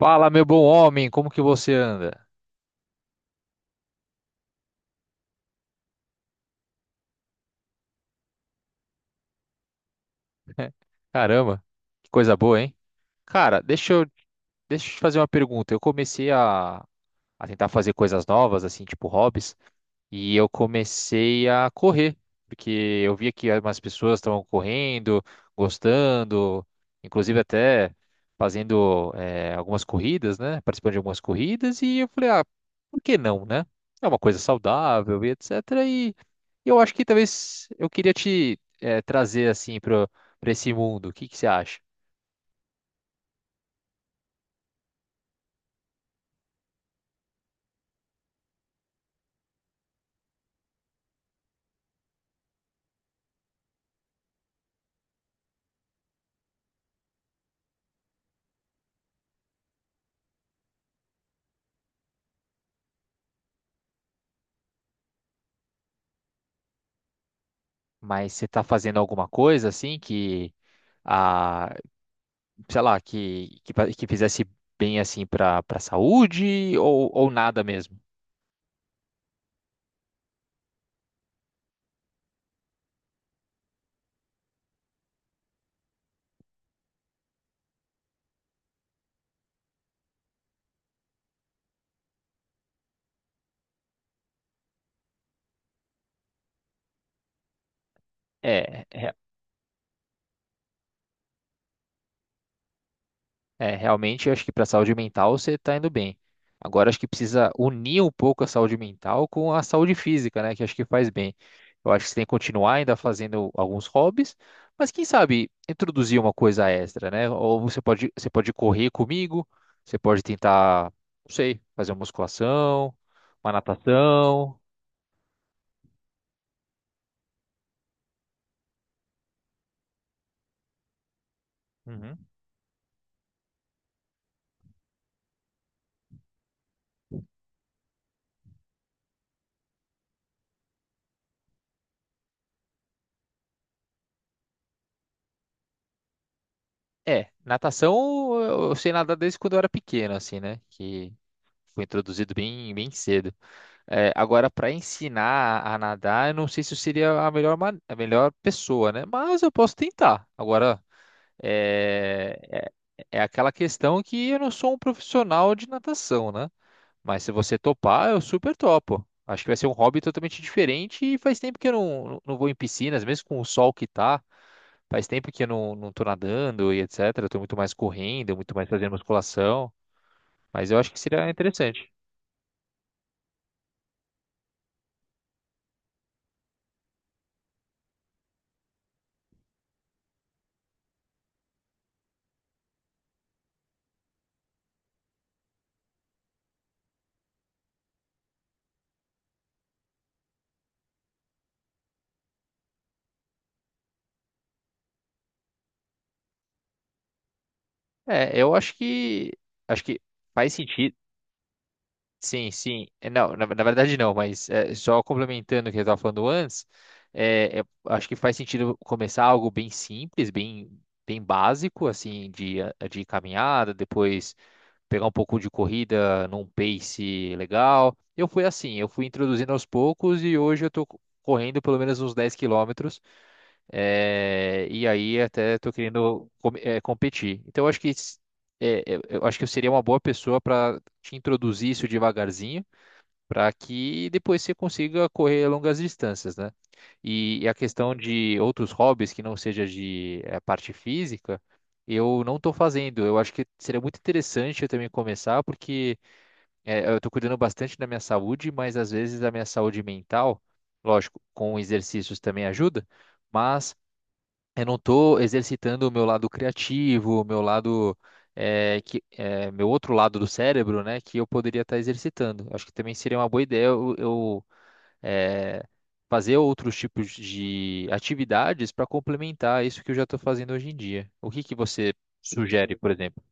Fala, meu bom homem, como que você anda? Caramba, que coisa boa, hein? Cara, deixa eu te fazer uma pergunta. Eu comecei a tentar fazer coisas novas, assim, tipo hobbies. E eu comecei a correr, porque eu via que algumas pessoas estavam correndo, gostando, inclusive até fazendo algumas corridas, né? Participando de algumas corridas, e eu falei, ah, por que não, né? É uma coisa saudável e etc. E eu acho que talvez eu queria te trazer assim para esse mundo. O que que você acha? Mas você está fazendo alguma coisa assim que sei lá, que fizesse bem assim para saúde ou nada mesmo. É, é, é, realmente eu acho que para saúde mental você tá indo bem. Agora acho que precisa unir um pouco a saúde mental com a saúde física, né, que acho que faz bem. Eu acho que você tem que continuar ainda fazendo alguns hobbies, mas quem sabe introduzir uma coisa extra, né? Ou você pode correr comigo, você pode tentar, não sei, fazer uma musculação, uma natação. Uhum. É, natação eu sei nadar desde quando eu era pequeno, assim, né? Que foi introduzido bem, bem cedo. É, agora, para ensinar a nadar, eu não sei se eu seria a melhor, a melhor pessoa, né? Mas eu posso tentar. Agora, é, é aquela questão que eu não sou um profissional de natação, né? Mas se você topar, eu super topo. Acho que vai ser um hobby totalmente diferente e faz tempo que eu não vou em piscinas, mesmo com o sol que tá. Faz tempo que eu não tô nadando e etc. Eu tô muito mais correndo, muito mais fazendo musculação. Mas eu acho que seria interessante. É, eu acho que faz sentido. Sim, sim. É, não, na verdade não, mas é, só complementando o que eu estava falando antes, acho que faz sentido começar algo bem simples, bem, bem básico, assim, de, de caminhada, depois pegar um pouco de corrida num pace legal. Eu fui assim, eu fui introduzindo aos poucos e hoje eu estou correndo pelo menos uns 10 quilômetros. É, e aí até estou querendo competir. Então eu acho que eu acho que eu seria uma boa pessoa para te introduzir isso devagarzinho, para que depois você consiga correr longas distâncias, né? E a questão de outros hobbies que não seja de parte física, eu não estou fazendo. Eu acho que seria muito interessante eu também começar, porque eu estou cuidando bastante da minha saúde, mas às vezes a minha saúde mental, lógico, com exercícios também ajuda. Mas eu não estou exercitando o meu lado criativo, o meu lado, meu outro lado do cérebro, né, que eu poderia estar exercitando. Acho que também seria uma boa ideia eu, eh, fazer outros tipos de atividades para complementar isso que eu já estou fazendo hoje em dia. O que que você sugere, por exemplo?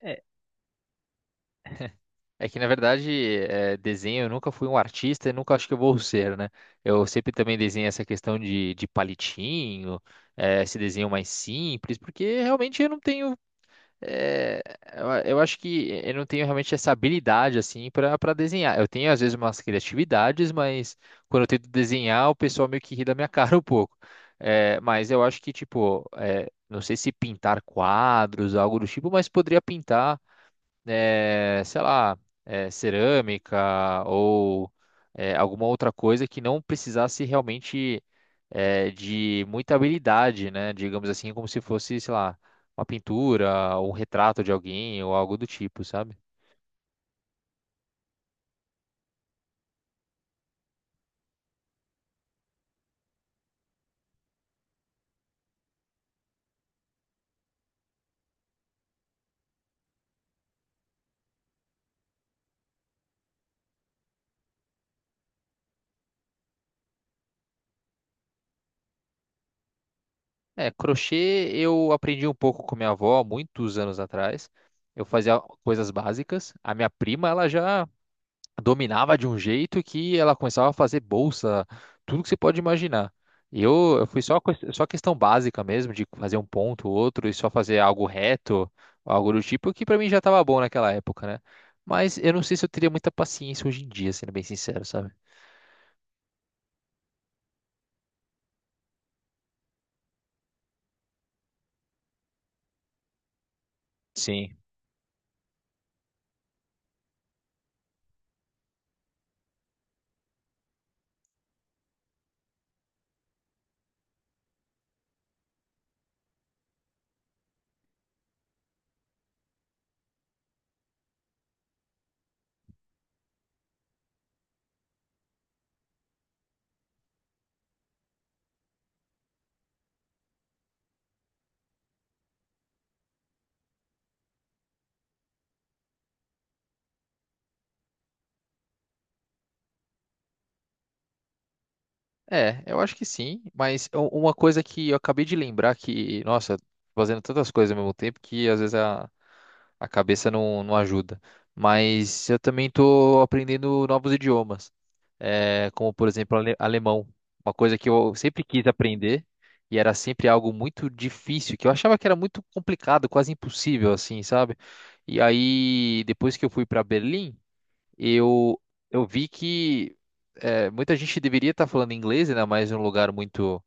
É, é que, na verdade, desenho, eu nunca fui um artista e nunca acho que eu vou ser, né? Eu sempre também desenho essa questão de palitinho, esse desenho mais simples, porque realmente eu não tenho. É, eu acho que eu não tenho realmente essa habilidade assim para desenhar. Eu tenho às vezes umas criatividades, mas quando eu tento desenhar, o pessoal meio que ri da minha cara um pouco. É, mas eu acho que, tipo, é, não sei se pintar quadros, algo do tipo, mas poderia pintar sei lá, cerâmica ou alguma outra coisa que não precisasse realmente de muita habilidade, né? Digamos assim, como se fosse, sei lá, uma pintura, um retrato de alguém ou algo do tipo, sabe? É, crochê eu aprendi um pouco com minha avó há muitos anos atrás. Eu fazia coisas básicas. A minha prima, ela já dominava de um jeito que ela começava a fazer bolsa, tudo que você pode imaginar. E eu fui só, só questão básica mesmo, de fazer um ponto, outro, e só fazer algo reto, algo do tipo, que pra mim já tava bom naquela época, né? Mas eu não sei se eu teria muita paciência hoje em dia, sendo bem sincero, sabe? Sim. É, eu acho que sim, mas uma coisa que eu acabei de lembrar que, nossa, fazendo tantas coisas ao mesmo tempo que às vezes a cabeça não ajuda. Mas eu também tô aprendendo novos idiomas. É, como por exemplo alemão, uma coisa que eu sempre quis aprender e era sempre algo muito difícil, que eu achava que era muito complicado, quase impossível assim, sabe? E aí depois que eu fui para Berlim, eu eu vi que muita gente deveria estar falando inglês, ainda mais em um lugar muito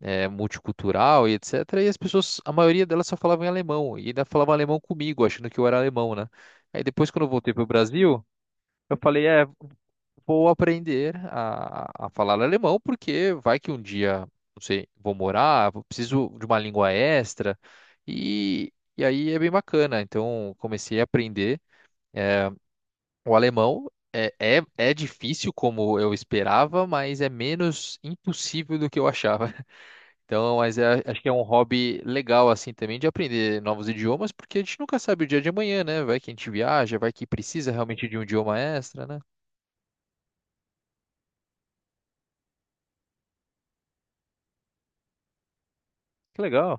multicultural e etc. E as pessoas, a maioria delas só falava em alemão e ainda falava alemão comigo, achando que eu era alemão, né? Aí depois quando eu voltei para o Brasil, eu falei, é, vou aprender a falar alemão, porque vai que um dia, não sei, vou morar, preciso de uma língua extra, e, e aí é bem bacana. Então, comecei a aprender o alemão. É difícil como eu esperava, mas é menos impossível do que eu achava. Então, mas acho que é um hobby legal, assim, também, de aprender novos idiomas, porque a gente nunca sabe o dia de amanhã, né? Vai que a gente viaja, vai que precisa realmente de um idioma extra, né? Que legal.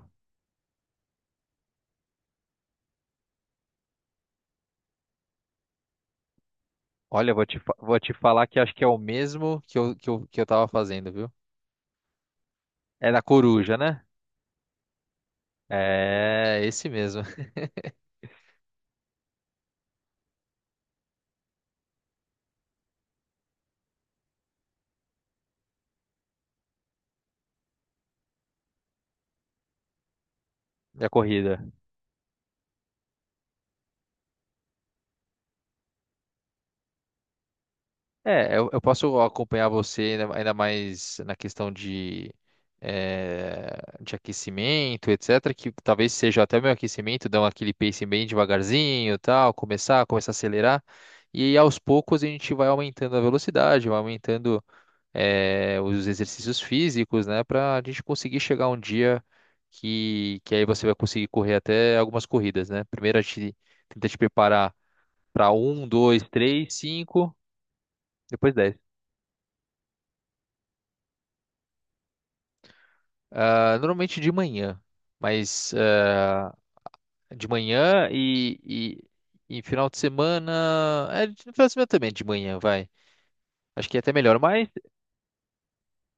Olha, vou te falar que acho que é o mesmo que eu tava fazendo, viu? É da coruja, né? É, esse mesmo, da corrida. É, eu posso acompanhar você ainda, ainda mais na questão de, eh, de aquecimento, etc. Que talvez seja até o meu aquecimento, dar aquele pace bem devagarzinho, e tal, começar a acelerar. E aos poucos a gente vai aumentando a velocidade, vai aumentando os exercícios físicos, né, para a gente conseguir chegar um dia que aí você vai conseguir correr até algumas corridas, né? Primeiro a gente tenta te preparar para um, dois, três, cinco, depois dez. Ah, normalmente de manhã, mas ah, de manhã e, final de semana, é, final de semana também de manhã, vai. Acho que é até melhor, mas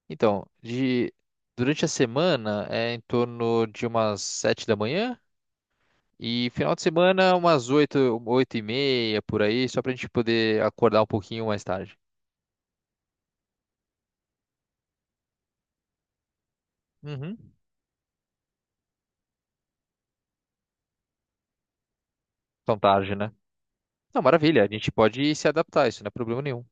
então, de durante a semana é em torno de umas 7 da manhã. E final de semana, umas 8, 8:30, por aí, só pra gente poder acordar um pouquinho mais tarde. Uhum. Tão tarde, né? Não, maravilha, a gente pode se adaptar, isso não é problema nenhum.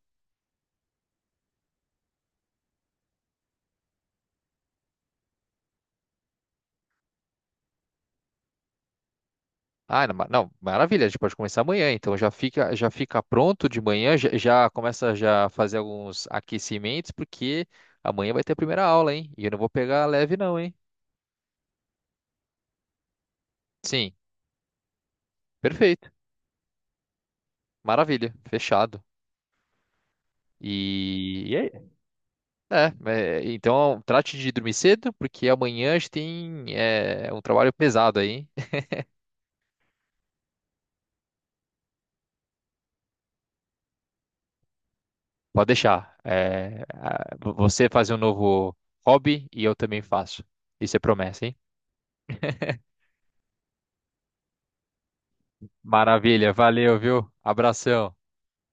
Ah, não, não, maravilha, a gente pode começar amanhã, então já fica pronto de manhã, já, já começa já a fazer alguns aquecimentos, porque amanhã vai ter a primeira aula, hein? E eu não vou pegar leve não, hein? Sim, perfeito, maravilha, fechado. E é É, é, então trate de dormir cedo, porque amanhã a gente tem um trabalho pesado aí. Pode deixar. É, você faz um novo hobby e eu também faço. Isso é promessa, hein? Maravilha, valeu, viu? Abração.